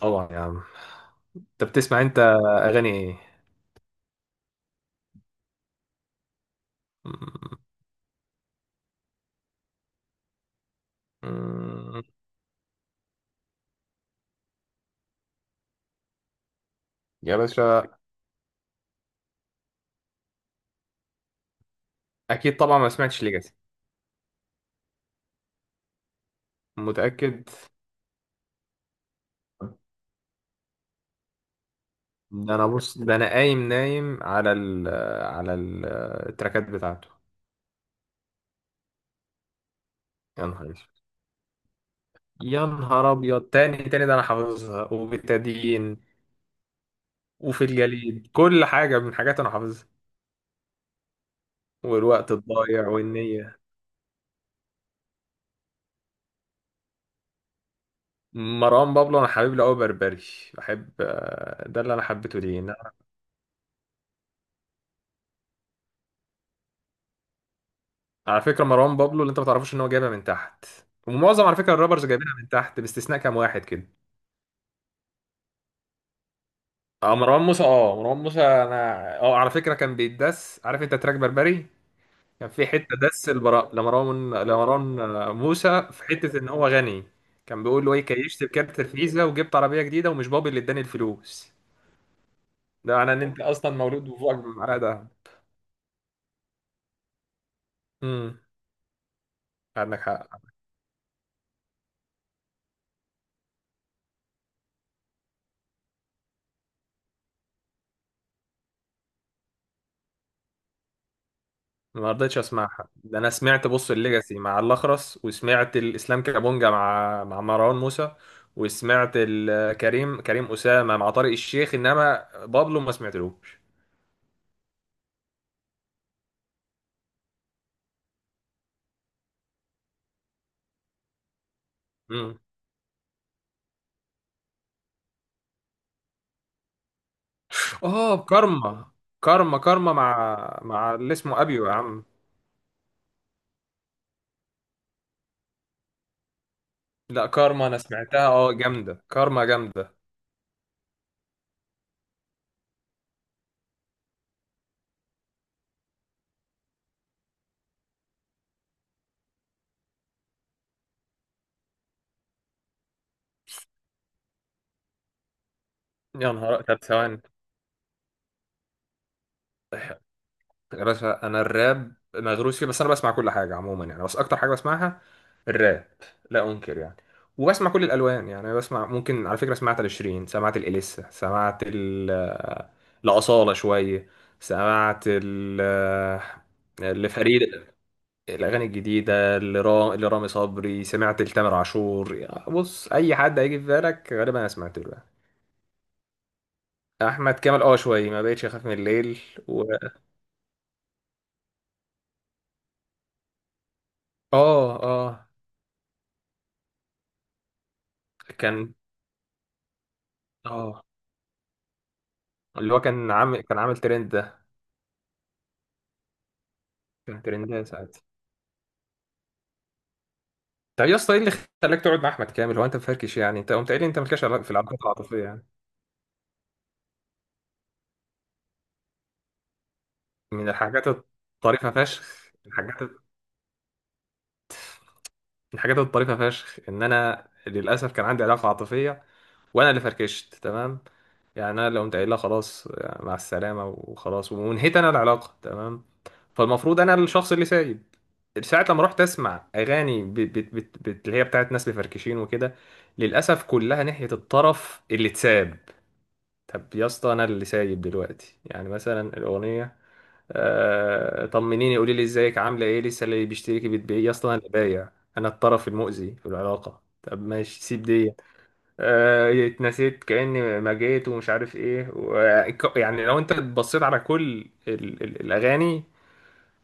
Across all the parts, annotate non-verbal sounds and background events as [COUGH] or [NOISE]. طبعا يا عم. انت اغاني ايه؟ م- م- يا باشا، اكيد طبعا. ما سمعتش ليجاسي؟ متاكد؟ ده انا بص، ده انا قايم نايم على ال على ال- التراكات بتاعته. يا نهار اسود يا نهار ابيض، تاني تاني ده انا حافظها، وبتدين وفي الجليد، كل حاجه من حاجات انا حافظها، والوقت الضايع والنية. مروان بابلو انا حبيب له قوي بربري. بحب، ده اللي انا حبيته ليه. على فكرة مروان بابلو اللي انت ما تعرفوش ان هو جايبها من تحت، ومعظم على فكرة الرابرز جايبينها من تحت باستثناء كام واحد كده. اه مروان موسى، اه مروان موسى انا اه على فكرة كان بيتدس. عارف انت تراك بربري؟ كان في حتة دس البراء لمروان موسى، في حتة ان هو غني. كان بيقول له ايه: كيشت بكارت الفيزا وجبت عربية جديدة، ومش بابي اللي اداني الفلوس. ده معناه ان انت اصلا مولود وفوقك بمعلقة ده. امم عندك حق. ما رضيتش اسمعها. ده انا سمعت بص الليجاسي مع الاخرس، وسمعت الاسلام كابونجا مع مروان موسى، وسمعت كريم اسامه مع طارق الشيخ، انما بابلو ما سمعتلوش. امم اه كارما، كارما كارما مع اللي اسمه ابيو يا عم. لا كارما انا سمعتها، اه جامده كارما جامده. يا نهار، طب ثواني. يا باشا انا الراب مغروس فيه، بس انا بسمع كل حاجه عموما يعني، بس اكتر حاجه بسمعها الراب. لا انكر يعني. وبسمع كل الالوان يعني. أنا بسمع، ممكن على فكره سمعت لشيرين، سمعت الاليسا، سمعت ال لاصاله شويه، سمعت ال لفريد، الاغاني الجديده لرامي صبري، سمعت لتامر عاشور. يعني بص اي حد هيجي في بالك غالبا انا سمعت له يعني. احمد كامل، اه شويه ما بقتش اخاف من الليل. و... اه اه. كان اه اللي هو كان عامل ترند ده. كان ترند ساعتها. طب إيه يا اسطى، ايه اللي خلاك تقعد مع احمد كامل؟ هو انت مفركش يعني؟ انت قمت قايل لي انت مالكش علاقة في العلاقات العاطفيه يعني. من الحاجات الطريفه فشخ، ان انا للاسف كان عندي علاقه عاطفيه، وانا اللي فركشت، تمام. يعني انا اللي قمت قايل لها خلاص يعني مع السلامه وخلاص، وانهيت انا العلاقه، تمام. فالمفروض انا الشخص اللي سايب. ساعة لما رحت اسمع اغاني، بت بت بت بت اللي هي بتاعت ناس مفركشين وكده، للاسف كلها ناحية الطرف اللي اتساب. طب يا اسطى، انا اللي سايب دلوقتي يعني، مثلا الاغنية: آه طمنيني قولي لي ازيك عامله ايه لسه، اللي بيشتركي بتبيعي يا اسطى، انا اللي بايع. انا الطرف المؤذي في العلاقة؟ طب ماشي سيب دي. اتنسيت كأني ما جيت، ومش عارف ايه يعني لو انت بصيت على كل الاغاني،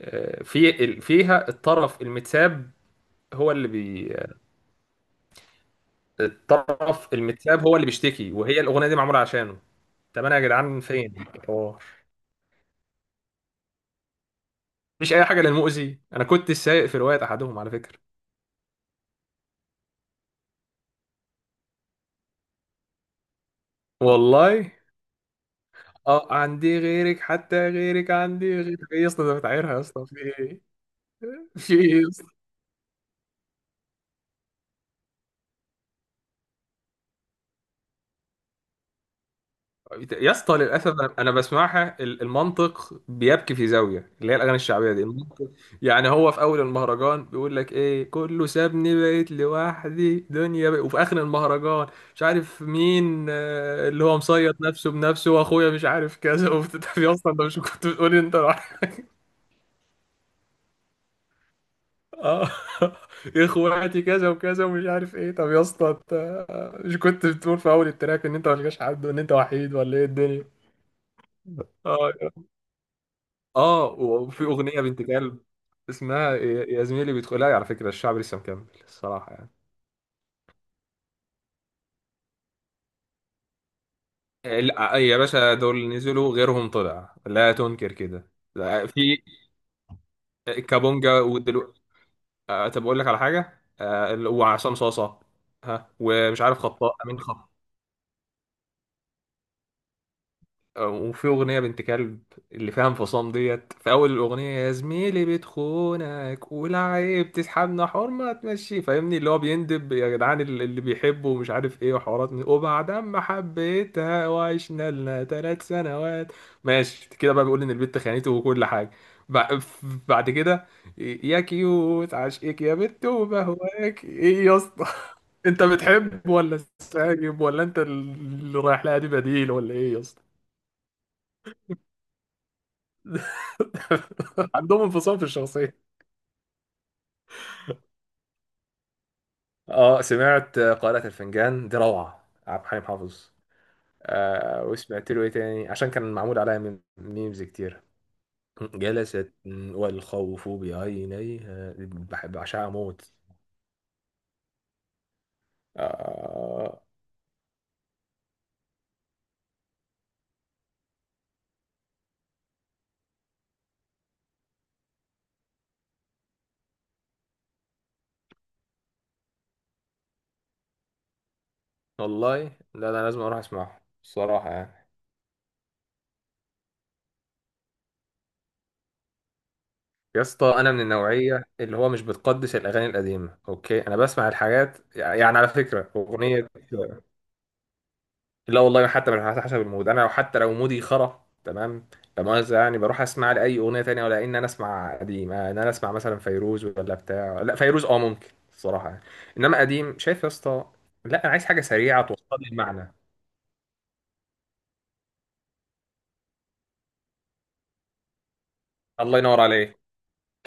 في فيها الطرف المتساب، هو اللي بي، الطرف المتساب هو اللي بيشتكي، وهي الاغنيه دي معموله عشانه. طب انا يا جدعان فين الحوار؟ مفيش اي حاجه للمؤذي. انا كنت سايق في روايه احدهم على فكره. والله. اه عندي غيرك، حتى غيرك، عندي غيرك ايه يا اسطى؟ ده بتعايرها يا اسطى، في ايه؟ في ايه يا اسطى، للاسف أنا بسمعها، المنطق بيبكي في زاويه اللي هي الاغاني الشعبيه دي. المنطق يعني هو في اول المهرجان بيقول لك ايه: كله سابني بقيت لوحدي دنيا بقى. وفي اخر المهرجان، مش عارف مين، اللي هو مصيط نفسه بنفسه، واخويا مش عارف كذا [LAUGHS] وبتتعب يا اسطى. انت مش كنت بتقول إيه؟ انت راح اه [LAUGHS] اخواتي كذا وكذا ومش عارف ايه. طب يا اسطى، انت مش كنت بتقول في اول التراك ان انت ملقاش حد، وان انت وحيد؟ ولا ايه الدنيا؟ اه اه. وفي اغنيه بنت كلب اسمها، يا زميلي بيدخل. لا على فكره الشعب لسه مكمل الصراحه يعني. لا يا باشا، دول نزلوا غيرهم طلع، لا تنكر كده. لا، في. كابونجا ودلوقتي. طب اقول لك على حاجه، وعصام صاصه. ها، ومش عارف خطاء امين. وفي أغنية بنت كلب، اللي فيها انفصام ديت في أول الأغنية: يا زميلي بتخونك والعيب تسحبنا حرمة تمشي، فاهمني؟ اللي هو بيندب يا جدعان اللي بيحبه ومش عارف ايه وحوارات وبعد ما حبيتها وعشنا لنا 3 سنوات، ماشي كده بقى. بيقول إن البت خانته وكل حاجة. بع- بعد كده: يا كيوت عشقك يا بت وبهواك. ايه يا اسطى [LAUGHS] انت بتحب ولا سايب، ولا انت اللي رايح لها دي، بديل ولا ايه يا اسطى؟ [LAUGHS] عندهم انفصام في الشخصية. اه سمعت قارئة الفنجان، دي روعة عبد الحليم حافظ. آه، وسمعت له ايه تاني عشان كان معمول عليها ميمز كتير؟ جلست والخوف بعينيها، بحب بعشقها موت. آه والله. لا لا، لازم اروح اسمعه الصراحة يعني. يا اسطى انا من النوعية اللي هو مش بتقدس الاغاني القديمة، اوكي. انا بسمع الحاجات يعني، على فكرة اغنية. لا والله حتى مش على حسب المود، انا لو حتى لو مودي خرا تمام. لا مؤاخذة يعني، بروح اسمع لأي أغنية تانية. ولا إن أنا أسمع قديم، إن أنا أسمع مثلا فيروز ولا بتاع. لا فيروز أه ممكن الصراحة يعني. إنما قديم، شايف يا اسطى؟ لا أنا عايز حاجة سريعة توصل لي المعنى. الله ينور عليك.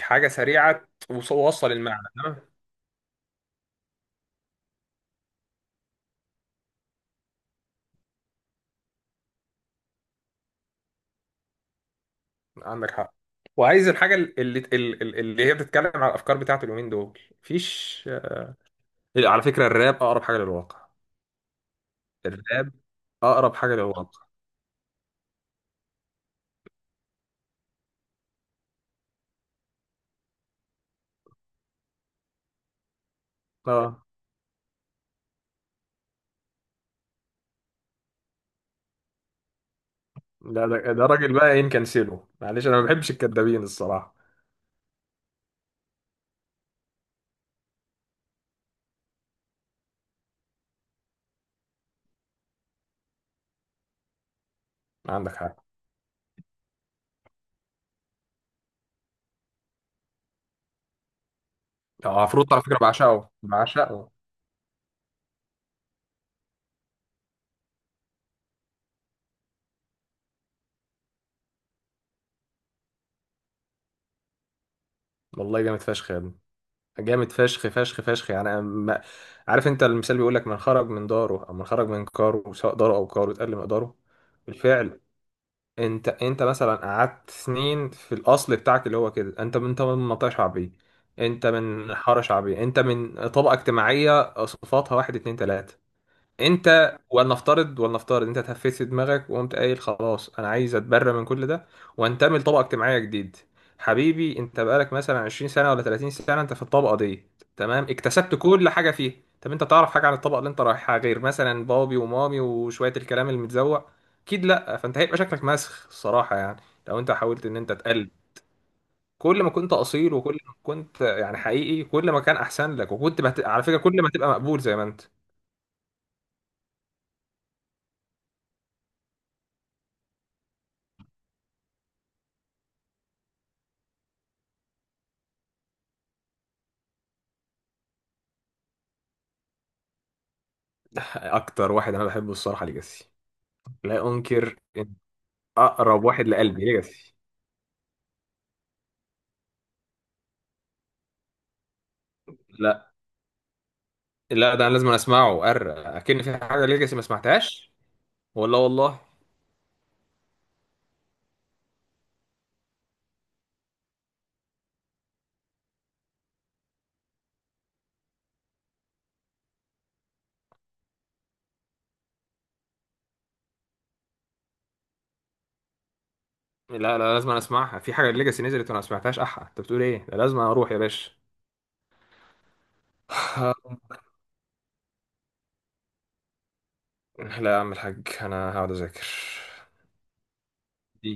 حاجة سريعة توصل المعنى، تمام. عندك حق. وعايز الحاجة اللي، اللي اللي هي بتتكلم على الأفكار بتاعت اليومين دول، مفيش. إيه، على فكرة الراب أقرب حاجة للواقع، الراب أقرب حاجة للواقع. اه. لا، ده راجل بقى ايه، نكنسله معلش، انا ما بحبش الكدابين الصراحه. عندك حق. اه عفروت على فكره، بعشقه بعشقه. والله جامد فشخ يا ابني، جامد فشخ فشخ فشخ يعني. أنا ما... عارف انت المثال بيقول لك: من خرج من داره او من خرج من كاره، سواء داره او كاره، اتقل مقداره. بالفعل. انت مثلا قعدت سنين في الاصل بتاعك اللي هو كده. انت من، انت من منطقه شعبيه، انت من حاره شعبيه، انت من طبقه اجتماعيه صفاتها واحد اتنين تلاته. انت، ولنفترض انت تهفيت في دماغك وقمت قايل خلاص انا عايز اتبرى من كل ده، وانتمي لطبقه اجتماعيه جديد. حبيبي انت بقالك مثلا 20 سنه ولا 30 سنه انت في الطبقه دي، تمام، اكتسبت كل حاجه فيها. طب انت تعرف حاجه عن الطبقه اللي انت رايحها غير مثلا بابي ومامي وشويه الكلام المتزوق؟ اكيد لا. فانت هيبقى شكلك مسخ الصراحه يعني، لو انت حاولت ان انت تقلد. كل ما كنت اصيل، وكل ما كنت يعني حقيقي، كل ما كان احسن لك، على فكره كل ما تبقى مقبول زي ما انت. اكتر واحد انا بحبه الصراحه ليجاسي، لا انكر إن، اقرب واحد لقلبي ليجاسي. لا لا، ده انا لازم اسمعه. اكن في حاجه ليجاسي ما سمعتهاش؟ ولا والله. لا لا، لازم أنا اسمعها. في حاجه ليجاسي نزلت وانا ما سمعتهاش؟ احا انت بتقول ايه، ده لازم اروح يا باشا. [LAUGHS] [SIGHS] لا يا عم الحاج انا هقعد اذاكر دي.